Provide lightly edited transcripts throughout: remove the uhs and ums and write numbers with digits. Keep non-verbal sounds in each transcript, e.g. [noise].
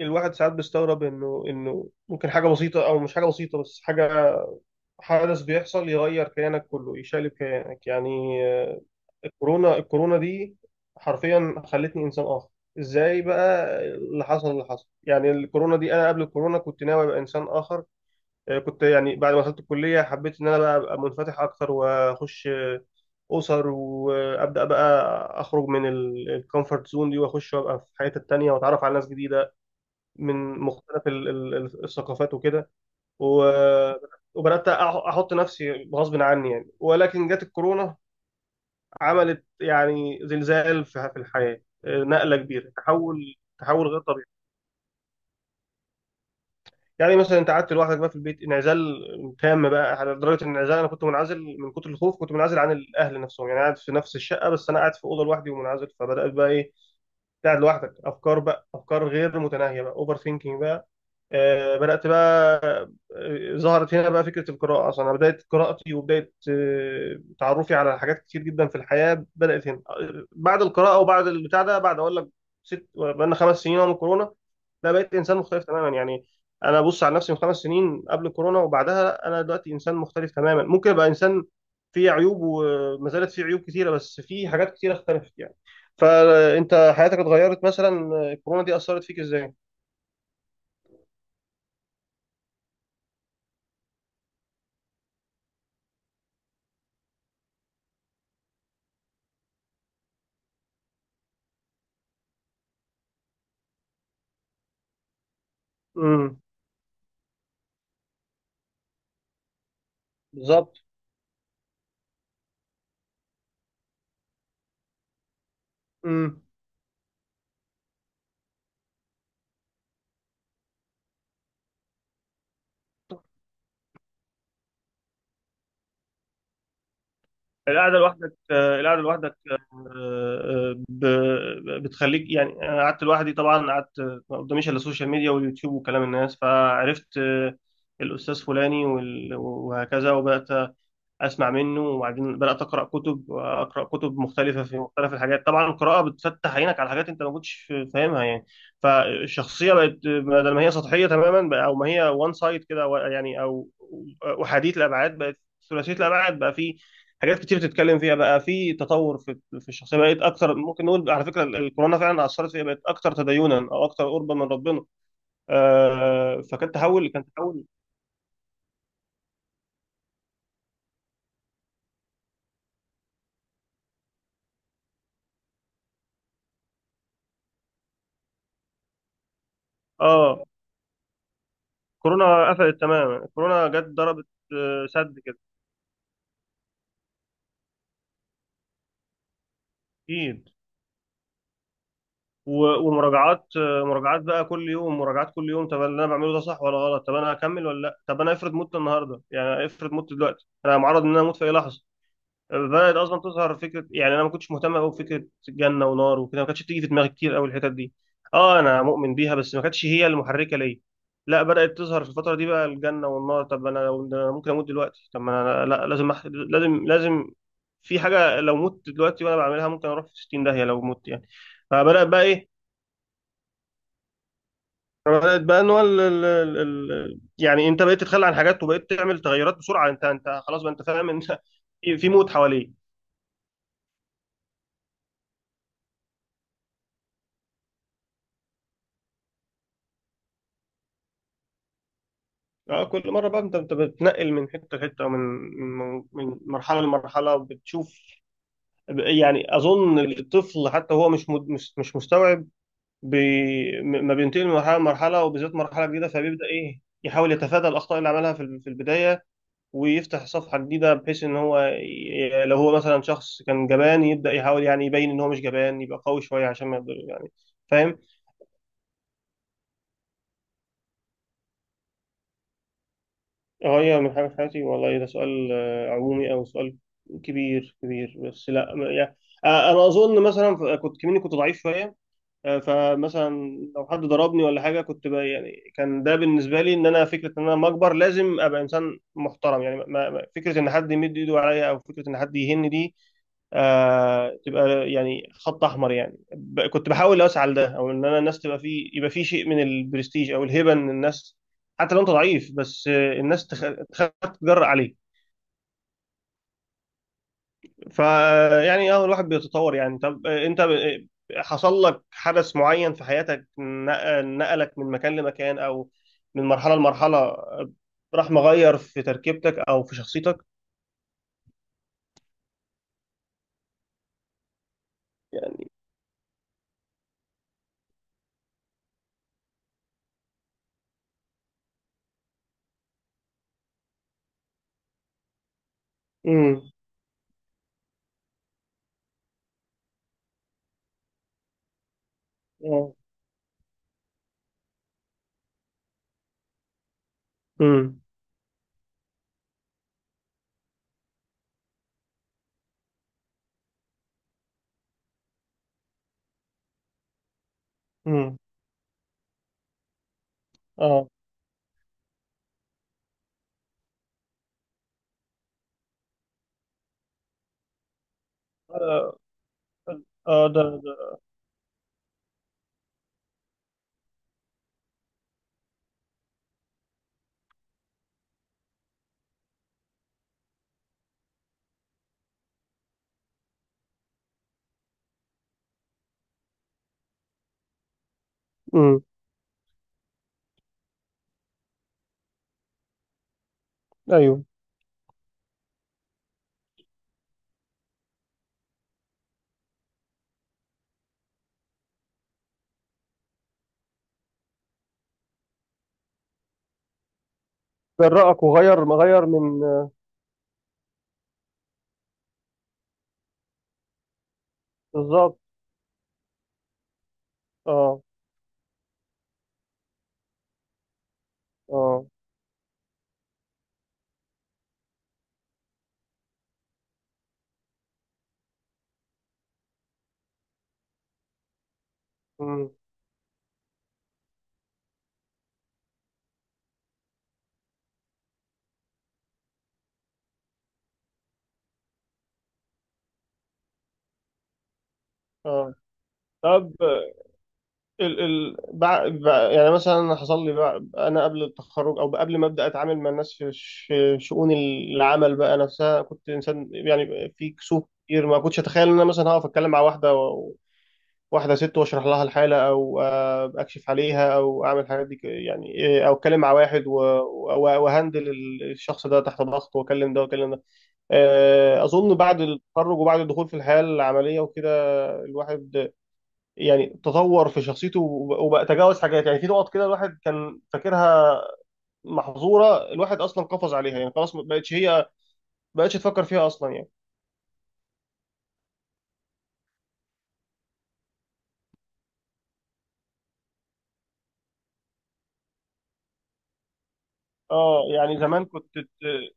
الواحد ساعات بيستغرب انه ممكن حاجه بسيطه او مش حاجه بسيطه بس حاجه حدث بيحصل يغير كيانك كله، يشقلب كيانك يعني. آه، الكورونا، دي حرفيا خلتني انسان اخر. ازاي بقى اللي حصل يعني الكورونا دي. انا قبل الكورونا كنت ناوي ابقى انسان اخر. كنت يعني بعد ما دخلت الكليه حبيت ان انا ابقى منفتح اكتر واخش اسر، وابدا بقى اخرج من الكومفورت زون دي، واخش وابقى في حياتي التانيه، واتعرف على ناس جديده من مختلف الثقافات وكده. و- وبدات أح- احط نفسي غصب عني يعني، ولكن جت الكورونا. عملت يعني زلزال في الحياه، نقله كبيره، تحول غير طبيعي. يعني مثلا انت قعدت لوحدك بقى في البيت، انعزال تام بقى على درجه الانعزال. انا كنت منعزل من كتر الخوف، كنت منعزل عن الاهل نفسهم يعني. قاعد في نفس الشقه بس انا قاعد في اوضه لوحدي ومنعزل، فبدات بقى ايه، قاعد لوحدك، افكار بقى، افكار غير متناهيه بقى، اوفر ثينكينج بقى. بدأت بقى ظهرت هنا بقى فكرة القراءة. أصلا أنا بداية قراءتي وبداية تعرفي على حاجات كتير جدا في الحياة بدأت هنا، بعد القراءة وبعد البتاع ده. بعد أقول لك ست بقالنا خمس سنين أهو من كورونا. لا، بقيت إنسان مختلف تماما يعني. أنا ببص على نفسي من خمس سنين قبل كورونا وبعدها، أنا دلوقتي إنسان مختلف تماما. ممكن أبقى إنسان فيه عيوب، وما زالت فيه عيوب كتيرة، بس فيه حاجات كتيرة اختلفت يعني. فأنت حياتك اتغيرت مثلا، الكورونا دي أثرت فيك إزاي؟ امم. بالظبط. امم. القعده لوحدك، القعده لوحدك، بتخليك يعني. انا قعدت لوحدي طبعا، قعدت ما قداميش الا السوشيال ميديا واليوتيوب وكلام الناس. فعرفت الاستاذ فلاني وهكذا، وبدات اسمع منه. وبعدين بدات اقرا كتب، مختلفه في مختلف الحاجات. طبعا القراءه بتفتح عينك على حاجات انت ما كنتش فاهمها يعني. فالشخصيه بقت، بدل ما هي سطحيه تماما، بقى- او ما هي وان سايد كده، يعني او احاديه الابعاد، بقت ثلاثيه الابعاد. بقى في حاجات كتير تتكلم فيها، بقى في تطور في الشخصيه. بقت اكثر، ممكن نقول على فكره الكورونا فعلا اثرت فيها، بقت اكثر تدينا او اكثر قربا من ربنا. فكان تحول، كان تحول. اه، كورونا قفلت تماما، كورونا جت ضربت. سد كده. اكيد. ومراجعات، مراجعات بقى كل يوم، مراجعات كل يوم. طب اللي انا بعمله ده صح ولا غلط؟ طب انا هكمل ولا لا؟ طب انا افرض مت النهارده يعني، افرض مت دلوقتي. انا معرض ان انا اموت في اي لحظه. بدأت أصلا تظهر فكرة يعني. أنا ما كنتش مهتم أوي بفكرة جنة ونار وكده، ما كانتش بتيجي في دماغي كتير أوي الحتت دي. أه، أنا مؤمن بيها بس ما كانتش هي المحركة ليا. لا، بدأت تظهر في الفترة دي بقى الجنة والنار. طب أنا لو ده، أنا ممكن أموت دلوقتي. طب ما أنا لا، لازم لازم. في حاجة لو مت دلوقتي وأنا بعملها ممكن أروح في 60 داهية لو مت يعني. فبدأت بقى إيه، بدأت بقى إن هو يعني أنت بقيت تتخلى عن حاجات، وبقيت تعمل تغيرات بسرعة. أنت خلاص بقى، أنت فاهم، أنت [laughs] في موت حواليك. اه، كل مرة بقى انت بتنقل من حتة لحتة، ومن من من مرحلة لمرحلة بتشوف. يعني اظن الطفل حتى هو مش مد- مش مش مستوعب بي، ما بينتقل من مرحلة لمرحلة، وبالذات مرحلة جديدة. فبيبدأ ايه، يحاول يتفادى الاخطاء اللي عملها في في البداية، ويفتح صفحة جديدة. بحيث ان هو، لو هو مثلا شخص كان جبان، يبدأ يحاول يعني يبين ان هو مش جبان، يبقى قوي شوية عشان ما يقدر يعني. فاهم. اه، هي من حاجة في حياتي. والله ده سؤال عمومي أو سؤال كبير، بس لا يعني أنا أظن مثلا، كنت ضعيف شوية. فمثلا لو حد ضربني ولا حاجة، كنت يعني كان ده بالنسبة لي، إن أنا فكرة إن أنا لما أكبر لازم أبقى إنسان محترم يعني. فكرة إن حد يمد إيده عليا، أو فكرة إن حد يهني دي، آه، تبقى يعني خط احمر يعني. كنت بحاول اوسع لده، او ان انا الناس تبقى فيه، يبقى فيه شيء من البرستيج او الهيبه. ان الناس حتى لو انت ضعيف، بس الناس تخاف تتجرأ عليك. فيعني اه، الواحد بيتطور يعني. طب انت حصل لك حدث معين في حياتك، نقلك من مكان لمكان، او من مرحله لمرحله، راح مغير في تركيبتك او في شخصيتك يعني؟ امم. امم. امم. اه. آه. آه، ده. امم. ايوه. جرأك، وغير غير من. بالظبط. اه. اه. امم. اه. طب يعني مثلا أنا حصل لي انا قبل التخرج، او قبل ما ابدا اتعامل مع الناس في شؤون العمل بقى نفسها، كنت انسان يعني في كسوف كتير. ما كنتش اتخيل ان انا مثلا هقف اتكلم مع واحده ست، واشرح لها الحاله، او اكشف عليها، او اعمل الحاجات دي، يعني إيه، او اتكلم مع وهندل الشخص ده تحت ضغط، واكلم ده واكلم ده. اظن بعد التخرج وبعد الدخول في الحياه العمليه وكده، الواحد يعني تطور في شخصيته، وبقى تجاوز حاجات. يعني في نقط كده الواحد كان فاكرها محظوره، الواحد اصلا قفز عليها يعني. خلاص، ما بقتش تفكر فيها اصلا يعني. اه، يعني زمان كنت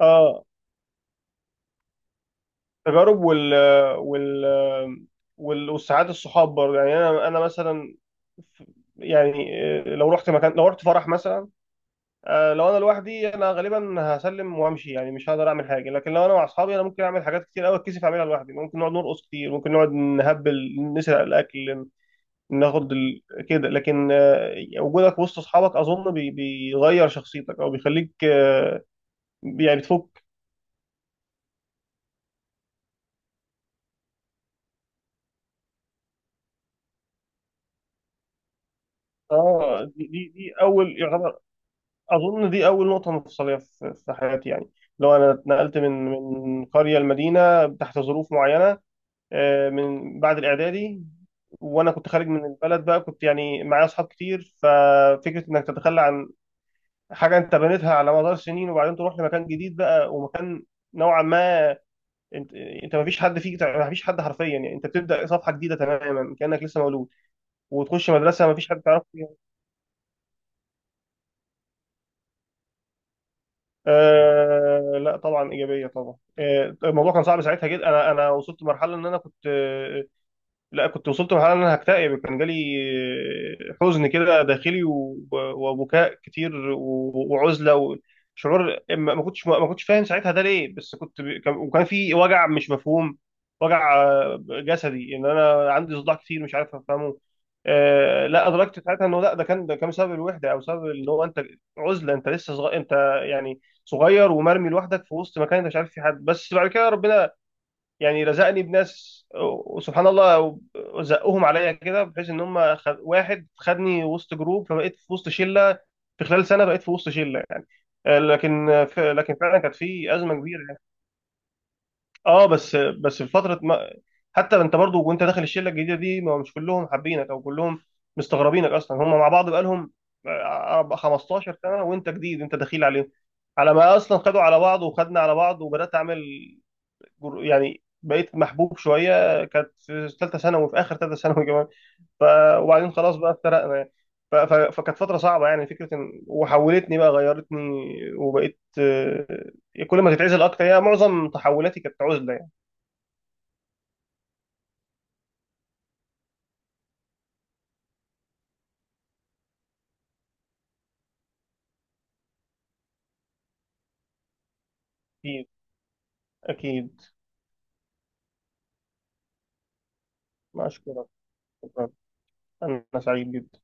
اه، تجارب وال والسعادة، الصحاب برضه يعني. انا مثلا، ف- يعني لو رحت مكان، لو رحت فرح مثلا، لو انا لوحدي، انا غالبا هسلم وامشي يعني، مش هقدر اعمل حاجه. لكن لو انا مع اصحابي، انا ممكن اعمل حاجات كتير قوي اتكسف اعملها لوحدي. ممكن نقعد نرقص كتير، ممكن نقعد نهبل، نسرق الاكل، ناخد كده. لكن وجودك وسط اصحابك اظن بيغير شخصيتك، او بيخليك يعني بتفك. اه، دي دي اول يعتبر، اظن دي اول نقطه مفصليه في حياتي يعني. لو انا اتنقلت من قريه لمدينه تحت ظروف معينه، من بعد الاعدادي، وانا كنت خارج من البلد بقى، كنت يعني معايا اصحاب كتير. ففكره انك تتخلى عن حاجه انت بنيتها على مدار سنين، وبعدين تروح لمكان جديد بقى، ومكان نوعا ما انت ما فيش حد فيك، ما فيش حد حرفيا يعني. انت بتبدا صفحه جديده تماما، كانك لسه مولود، وتخش مدرسه ما فيش حد تعرفه فيها. آه لا طبعا ايجابيه، طبعا. آه، الموضوع كان صعب ساعتها جدا. انا وصلت لمرحله ان انا كنت آه لا كنت وصلت لمرحله ان انا هكتئب يعني. كان جالي حزن كده داخلي، وبكاء كتير، وعزله وشعور. ما كنتش فاهم ساعتها ده ليه، بس كنت وكان في وجع مش مفهوم. وجع جسدي، ان انا عندي صداع كتير مش عارف افهمه. لا، ادركت ساعتها انه لا، ده كان ده كان بسبب الوحده، او سبب ان هو انت عزله. انت لسه صغير، يعني صغير ومرمي لوحدك في وسط مكان، انت مش عارف في حد. بس بعد كده ربنا يعني رزقني بناس، وسبحان الله زقهم عليا كده، بحيث ان هم واحد خدني وسط جروب، فبقيت في وسط شله. في خلال سنه بقيت في وسط شله يعني. لكن لكن فعلا كانت في ازمه كبيره يعني. اه، بس في فتره ما... حتى انت برضو وانت داخل الشله الجديده دي، ما مش كلهم حابينك، او كلهم مستغربينك اصلا. هم مع بعض بقالهم 15 سنه وانت جديد، انت دخيل عليهم. على ما اصلا خدوا على بعض وخدنا على بعض، وبدات اعمل يعني بقيت محبوب شويه. كانت في ثالثه ثانوي، في اخر ثالثه ثانوي كمان. ف وبعدين خلاص بقى افترقنا يعني. فكانت فتره صعبه يعني. فكره ان وحولتني بقى، غيرتني، وبقيت كل ما تتعزل اكتر. يعني معظم تحولاتي كانت عزله يعني. اكيد. اكيد. مع شكرا. شكرا. انا سعيد جدا.